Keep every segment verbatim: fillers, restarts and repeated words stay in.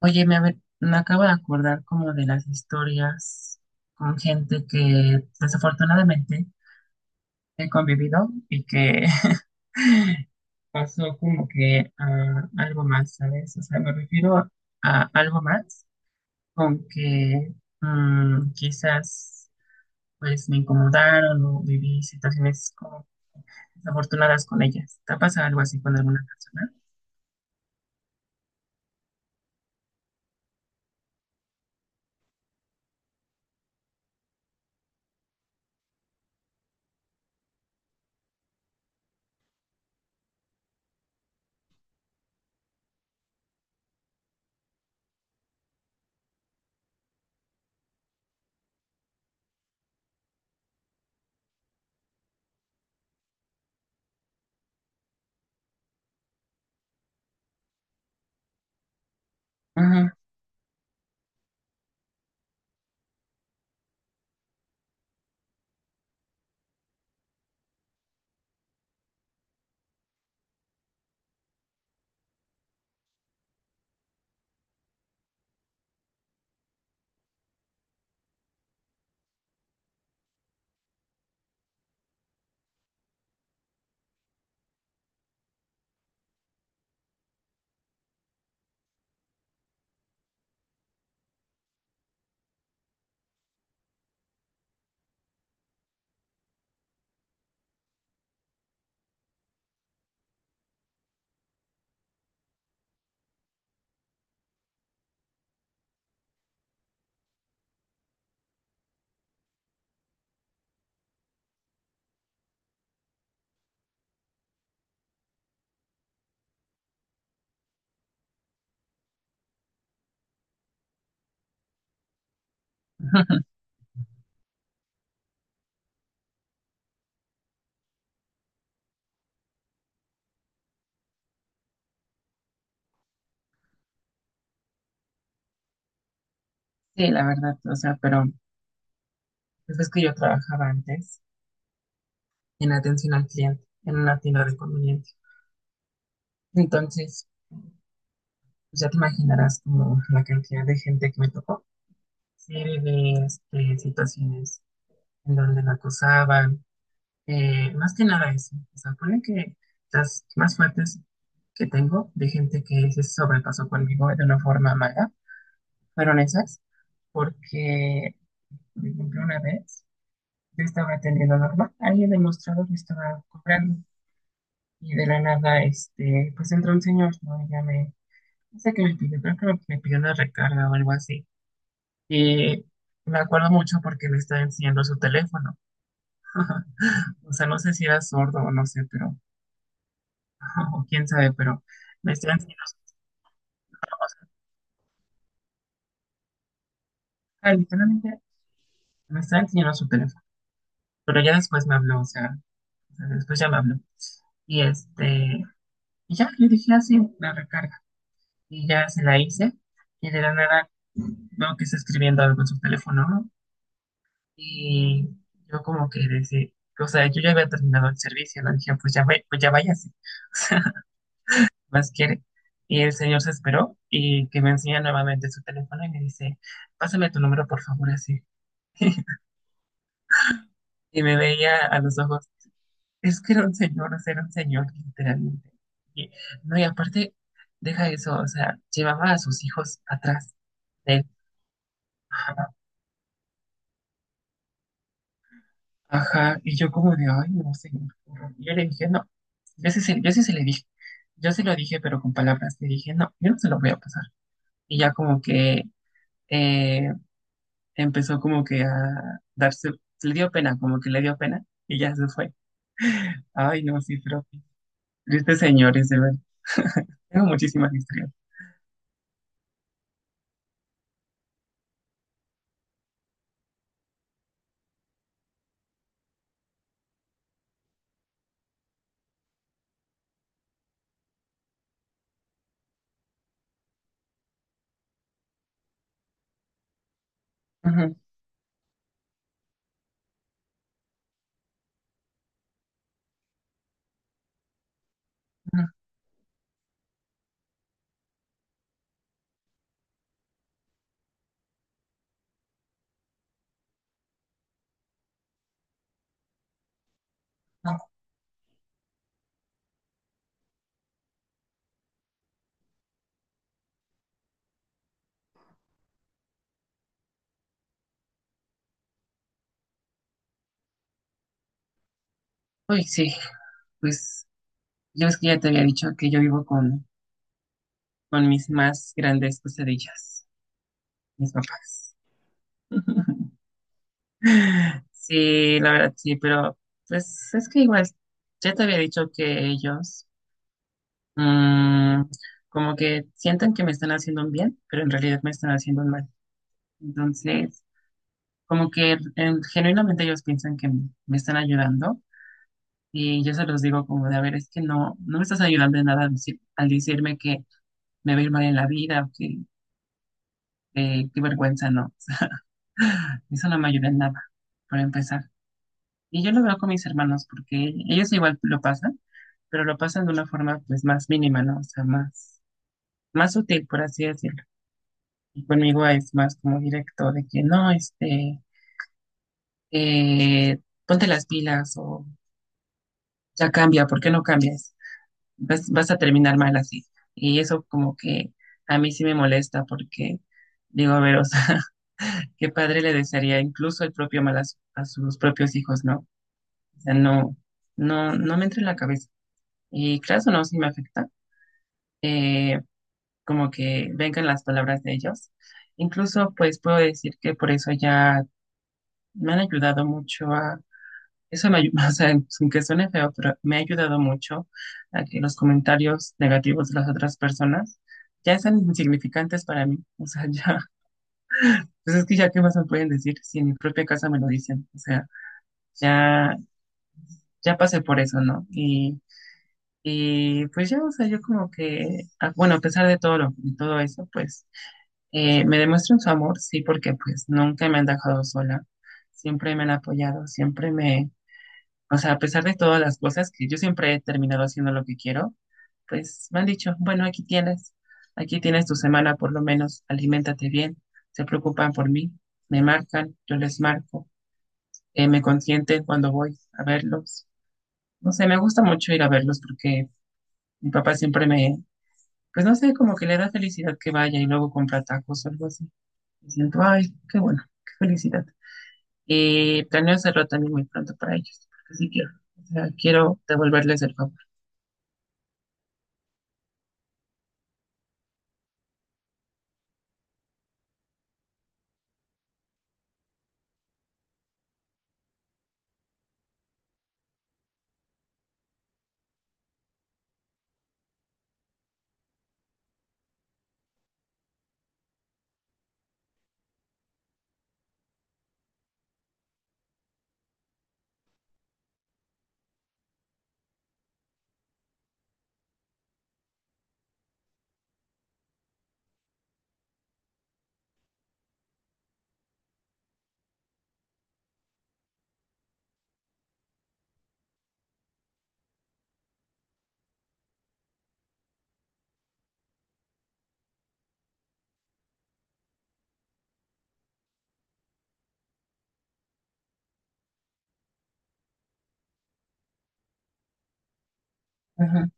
Oye, me, ave- me acabo de acordar como de las historias con gente que desafortunadamente he convivido y que pasó como que a algo más, ¿sabes? O sea, me refiero a algo más con que mm, quizás pues me incomodaron o viví situaciones como desafortunadas con ellas. ¿Te ha pasado algo así con alguna persona? Ujú. Sí, la verdad, o sea, pero pues es que yo trabajaba antes en atención al cliente, en una tienda de conveniencia. Entonces, pues ya te imaginarás como la cantidad de gente que me tocó, serie de este, situaciones en donde la acosaban, eh, más que nada eso. O sea, ponen que las más fuertes que tengo de gente que se sobrepasó conmigo de una forma mala fueron esas, porque, por ejemplo, una vez yo estaba atendiendo normal, ahí el demostrador me estaba cobrando y de la nada, este, pues entró un señor, ¿no? Y ya me… No sé qué me pidió, creo que me, me pidió una recarga o algo así. Y me acuerdo mucho porque me estaba enseñando su teléfono. O sea, no sé si era sordo o no sé, pero, o quién sabe, pero me estaba enseñando su teléfono. O sea, ah, literalmente me estaba enseñando su teléfono. Pero ya después me habló, o sea, o sea, después ya me habló. Y este, y ya le dije así, la recarga. Y ya se la hice. Y de la nada veo que está escribiendo algo en su teléfono, ¿no? Y yo como que decía, o sea, yo ya había terminado el servicio, le dije, pues ya, ve- pues ya váyase, o sea, más quiere. Y el señor se esperó y que me enseña nuevamente su teléfono y me dice, pásame tu número, por favor, así. Y me veía a los ojos, es que era un señor, o sea, era un señor, literalmente. Y, no, y aparte, deja eso, o sea, llevaba a sus hijos atrás de él. Ajá, y yo como de, ay, no sé. Y yo le dije, no, yo sí, se- yo sí se le dije, yo se lo dije, pero con palabras, le dije, no, yo no se lo voy a pasar. Y ya como que eh, empezó como que a darse, le dio pena, como que le dio pena, y ya se fue. Ay, no, sí, pero tristes señores, de verdad. Tengo muchísimas historias. Ujú, ujú, ujú. Uy, sí, pues yo es que ya te había dicho que yo vivo con, con mis más grandes pesadillas, mis papás. Sí, la verdad sí, pero pues es que igual, ya te había dicho que ellos mm, como que sienten que me están haciendo un bien, pero en realidad me están haciendo un mal. Entonces, como que em, genuinamente ellos piensan que me, me están ayudando y yo se los digo como de, a ver, es que no, no me estás ayudando en nada al, decir- al decirme que me va a ir mal en la vida o que eh, qué vergüenza, no. Eso no me ayuda en nada, por empezar. Y yo lo veo con mis hermanos porque ellos igual lo pasan. Pero lo pasan de una forma pues más mínima, ¿no? O sea, más, más sutil, por así decirlo. Y conmigo es más como directo de que no, este, eh, ponte las pilas o ya cambia, ¿por qué no cambias? Vas, vas a terminar mal así. Y eso como que a mí sí me molesta porque digo, a ver, o sea, qué padre le desearía incluso el propio mal a, su- a sus propios hijos, ¿no? O sea, no, no, no me entra en la cabeza. Y claro, no, sí me afecta. Eh, Como que vengan las palabras de ellos. Incluso, pues puedo decir que por eso ya me han ayudado mucho a, eso me ayuda, o sea, sin que suene feo, pero me ha ayudado mucho a que los comentarios negativos de las otras personas ya sean insignificantes para mí. O sea, ya, pues es que ya qué más me pueden decir si en mi propia casa me lo dicen. O sea, ya, ya pasé por eso, ¿no? Y, y pues ya, o sea, yo como que, ah, bueno, a pesar de todo lo, de todo eso, pues… Eh, me demuestran su amor, sí, porque pues nunca me han dejado sola, siempre me han apoyado, siempre me, o sea, a pesar de todas las cosas que yo siempre he terminado haciendo lo que quiero, pues me han dicho, bueno, aquí tienes, aquí tienes tu semana por lo menos, aliméntate bien, se preocupan por mí, me marcan, yo les marco, eh, me consienten cuando voy a verlos. No sé, me gusta mucho ir a verlos porque mi papá siempre me, pues no sé, como que le da felicidad que vaya y luego compra tacos o algo así. Y siento, ay, qué bueno, qué felicidad. Y planeo hacerlo también muy pronto para ellos, porque sí quiero. O sea, quiero devolverles el favor. Ajá.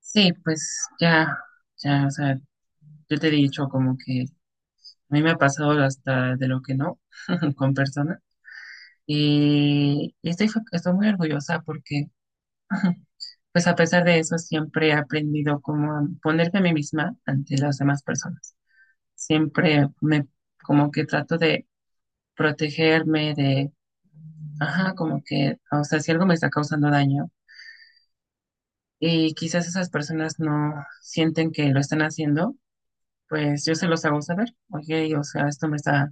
Sí, pues ya, ya, o sea, yo te he dicho como que a mí me ha pasado hasta de lo que no con personas y estoy, fa- estoy muy orgullosa porque pues a pesar de eso siempre he aprendido como a ponerme a mí misma ante las demás personas. Siempre me como que trato de protegerme, de… Ajá, como que, o sea, si algo me está causando daño y quizás esas personas no sienten que lo están haciendo, pues yo se los hago saber. Oye, o sea, esto me está,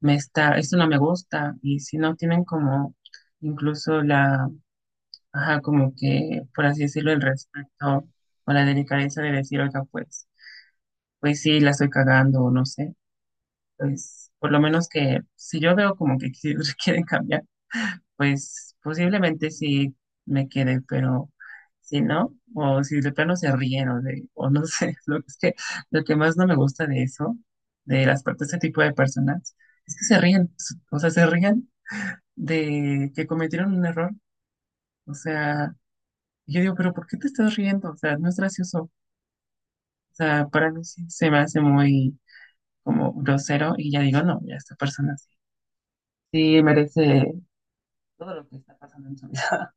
me está, esto no me gusta. Y si no tienen como incluso la, ajá, como que, por así decirlo, el respeto o la delicadeza de decir, oiga, pues, pues sí, la estoy cagando o no sé, pues por lo menos que si yo veo como que quieren cambiar pues posiblemente sí me quede, pero si no, o si de plano se ríen, o, de, o no sé, lo que, es que- lo que más no me gusta de eso, de las partes de este tipo de personas, es que se ríen, s- o sea, se ríen de que cometieron un error, o sea, yo digo, pero ¿por qué te estás riendo? O sea, no es gracioso, o sea, para mí sí se me hace muy como grosero y ya digo, no, ya esta persona sí, sí merece todo lo que está pasando en su vida.